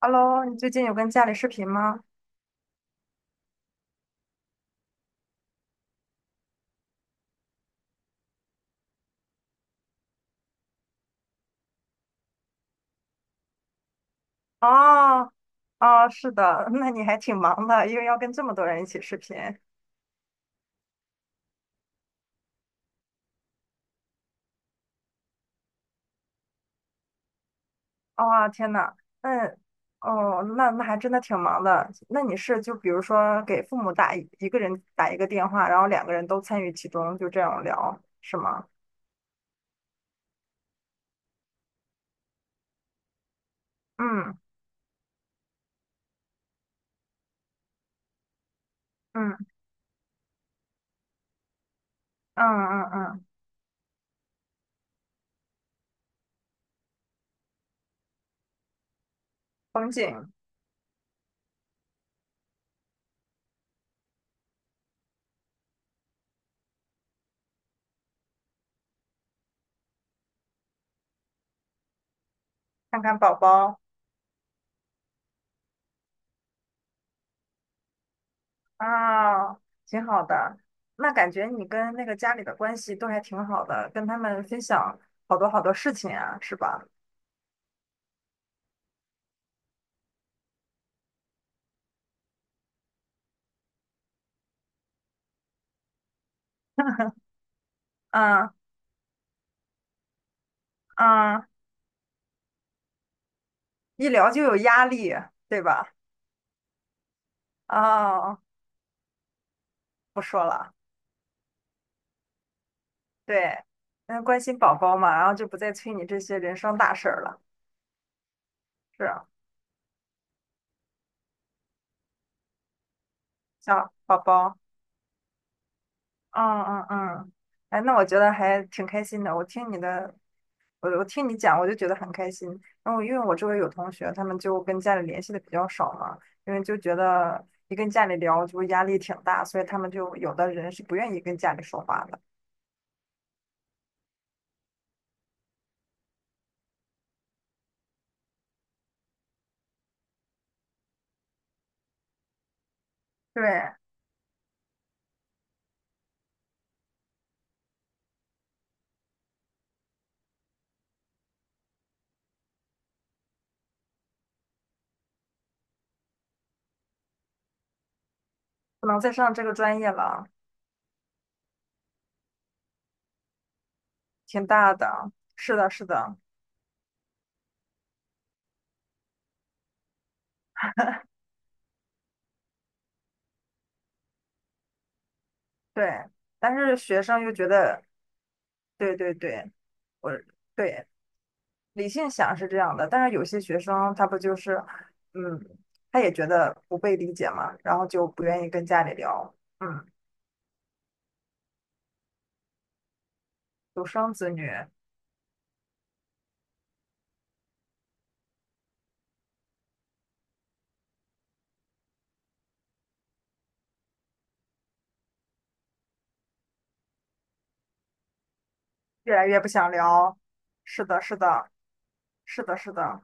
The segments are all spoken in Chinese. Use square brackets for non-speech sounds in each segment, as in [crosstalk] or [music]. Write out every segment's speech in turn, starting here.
Hello，你最近有跟家里视频吗？哦哦，是的，[laughs] 那你还挺忙的，因为要跟这么多人一起视频。哇、天呐，嗯，哦，那还真的挺忙的。那你是就比如说给父母一个人打一个电话，然后两个人都参与其中，就这样聊，是吗？嗯嗯嗯嗯嗯，风景，看看宝宝。啊，挺好的。那感觉你跟那个家里的关系都还挺好的，跟他们分享好多好多事情啊，是吧？嗯嗯，一聊就有压力，对吧？哦，不说了，对，嗯，关心宝宝嘛，然后就不再催你这些人生大事儿了，是啊，小宝宝，嗯嗯嗯，哎，那我觉得还挺开心的，我听你讲，我就觉得很开心。然后因为我周围有同学，他们就跟家里联系的比较少嘛，因为就觉得一跟家里聊就压力挺大，所以他们就有的人是不愿意跟家里说话的。对，不能再上这个专业了，挺大的。是的，是的，对。但是学生又觉得，对对对，我对，理性想是这样的，但是有些学生他不就是，嗯，他也觉得不被理解嘛，然后就不愿意跟家里聊，嗯。独生子女，越来越不想聊。是的，是的，是的，是的，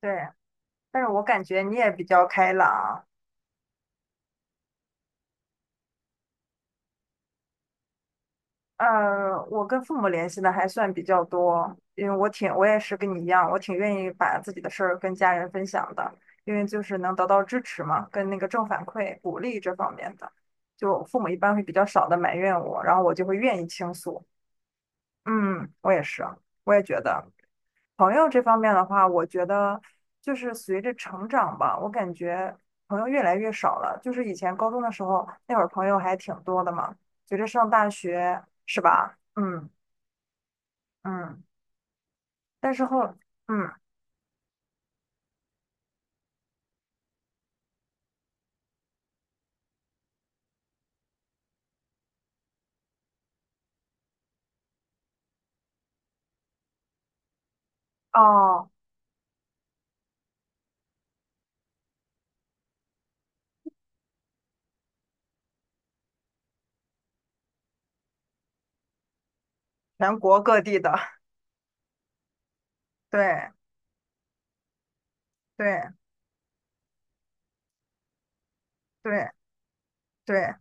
对。但是我感觉你也比较开朗。我跟父母联系的还算比较多，因为我也是跟你一样，我挺愿意把自己的事儿跟家人分享的，因为就是能得到支持嘛，跟那个正反馈、鼓励这方面的，就父母一般会比较少的埋怨我，然后我就会愿意倾诉。嗯，我也是，我也觉得。朋友这方面的话，我觉得就是随着成长吧，我感觉朋友越来越少了。就是以前高中的时候，那会儿朋友还挺多的嘛。随着上大学，是吧？嗯嗯，但是后嗯哦，全国各地的，[laughs] 对对对对，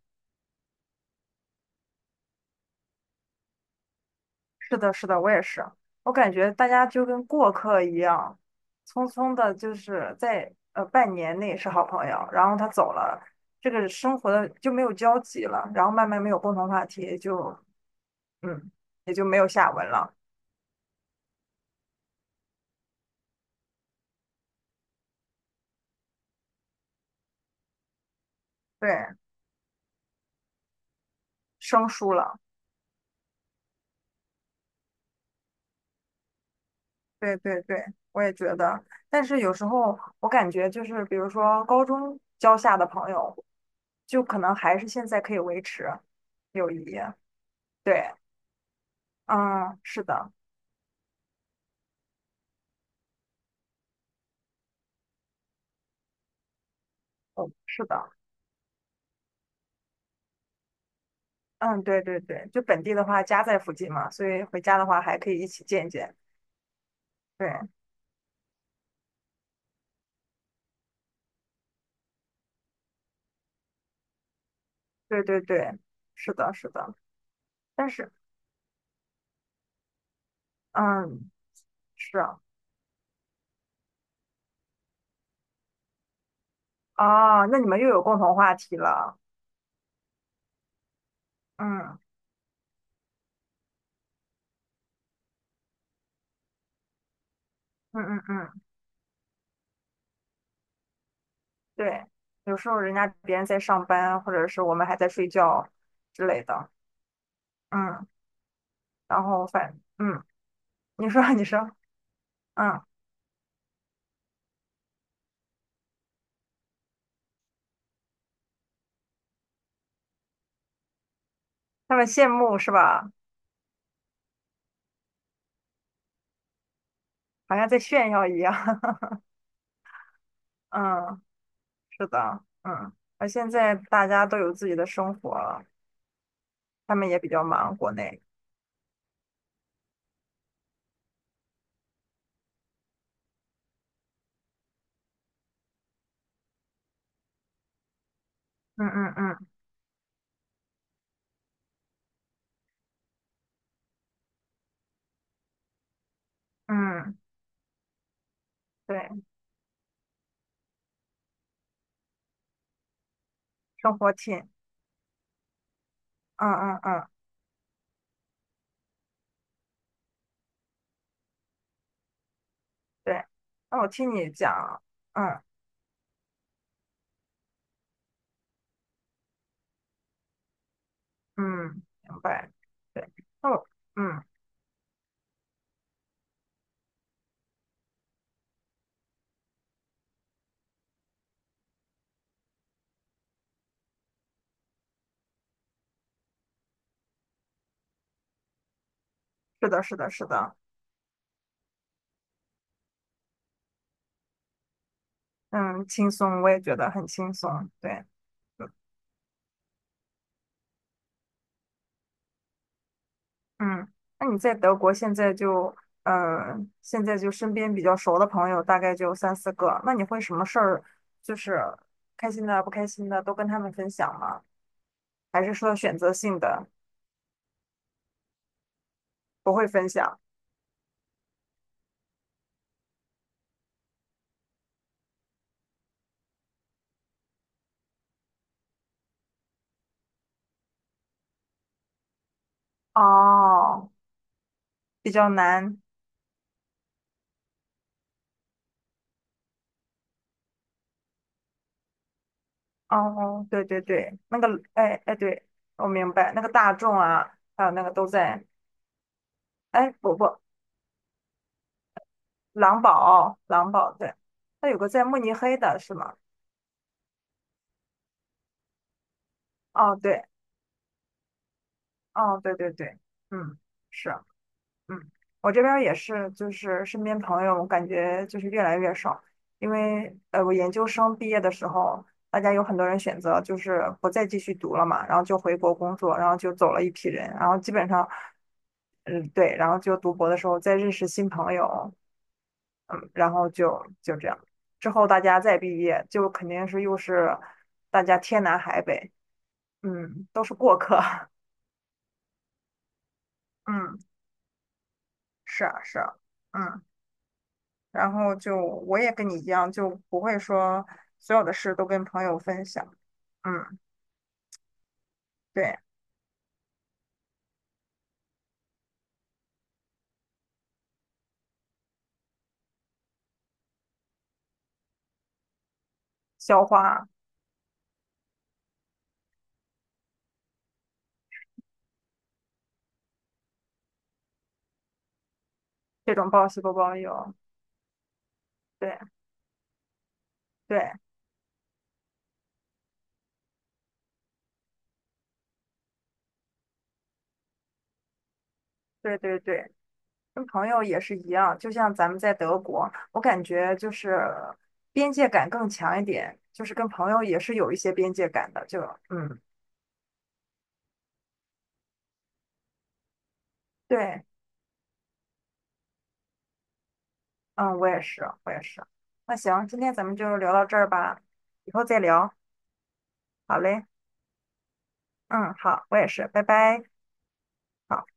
是的，是的，我也是。我感觉大家就跟过客一样，匆匆的，就是在半年内是好朋友，然后他走了，这个生活的就没有交集了，然后慢慢没有共同话题，嗯也就没有下文了，对，生疏了，对对对，我也觉得。但是有时候我感觉就是，比如说高中交下的朋友，就可能还是现在可以维持友谊，对，嗯，是的，哦，是的。嗯，对对对，就本地的话家在附近嘛，所以回家的话还可以一起见一见。对对对对，是的，是的。但是，嗯，是啊，哦，那你们又有共同话题了。嗯嗯嗯嗯，对，有时候人家别人在上班，或者是我们还在睡觉之类的。嗯，然后反，嗯，你说 [laughs] 你说，嗯，他们羡慕是吧？好像在炫耀一样。[laughs] 嗯，是的，嗯。而现在大家都有自己的生活了。他们也比较忙，国内。嗯嗯嗯嗯，对，生活挺，嗯嗯嗯，对。那我听你讲，嗯嗯，明白。对，那我，嗯，是的，是的，是的，嗯，轻松，我也觉得很轻松。对，嗯，那你在德国现在就，嗯，现在就身边比较熟的朋友大概就三四个，那你会什么事儿，就是开心的、不开心的都跟他们分享吗？还是说选择性的不会分享？哦，比较难。哦，对对对，那个，哎哎，对，我明白，那个大众啊，还有那个都在，哎，不不，狼堡，狼堡，对，那有个在慕尼黑的是吗？哦，对，哦，对对对，嗯，是。嗯，我这边儿也是，就是身边朋友，我感觉就是越来越少，因为我研究生毕业的时候，大家有很多人选择就是不再继续读了嘛，然后就回国工作，然后就走了一批人，然后基本上，嗯，对，然后就读博的时候再认识新朋友，嗯，然后就这样，之后大家再毕业，就肯定是又是大家天南海北，嗯，都是过客，[laughs] 嗯，是啊，是啊，嗯。然后就我也跟你一样，就不会说所有的事都跟朋友分享。嗯，对，消化这种报喜不报忧。对对对对对，跟朋友也是一样。就像咱们在德国，我感觉就是边界感更强一点，就是跟朋友也是有一些边界感的。嗯，对，嗯，我也是，我也是。那行，今天咱们就聊到这儿吧，以后再聊。好嘞，嗯，好，我也是，拜拜。好。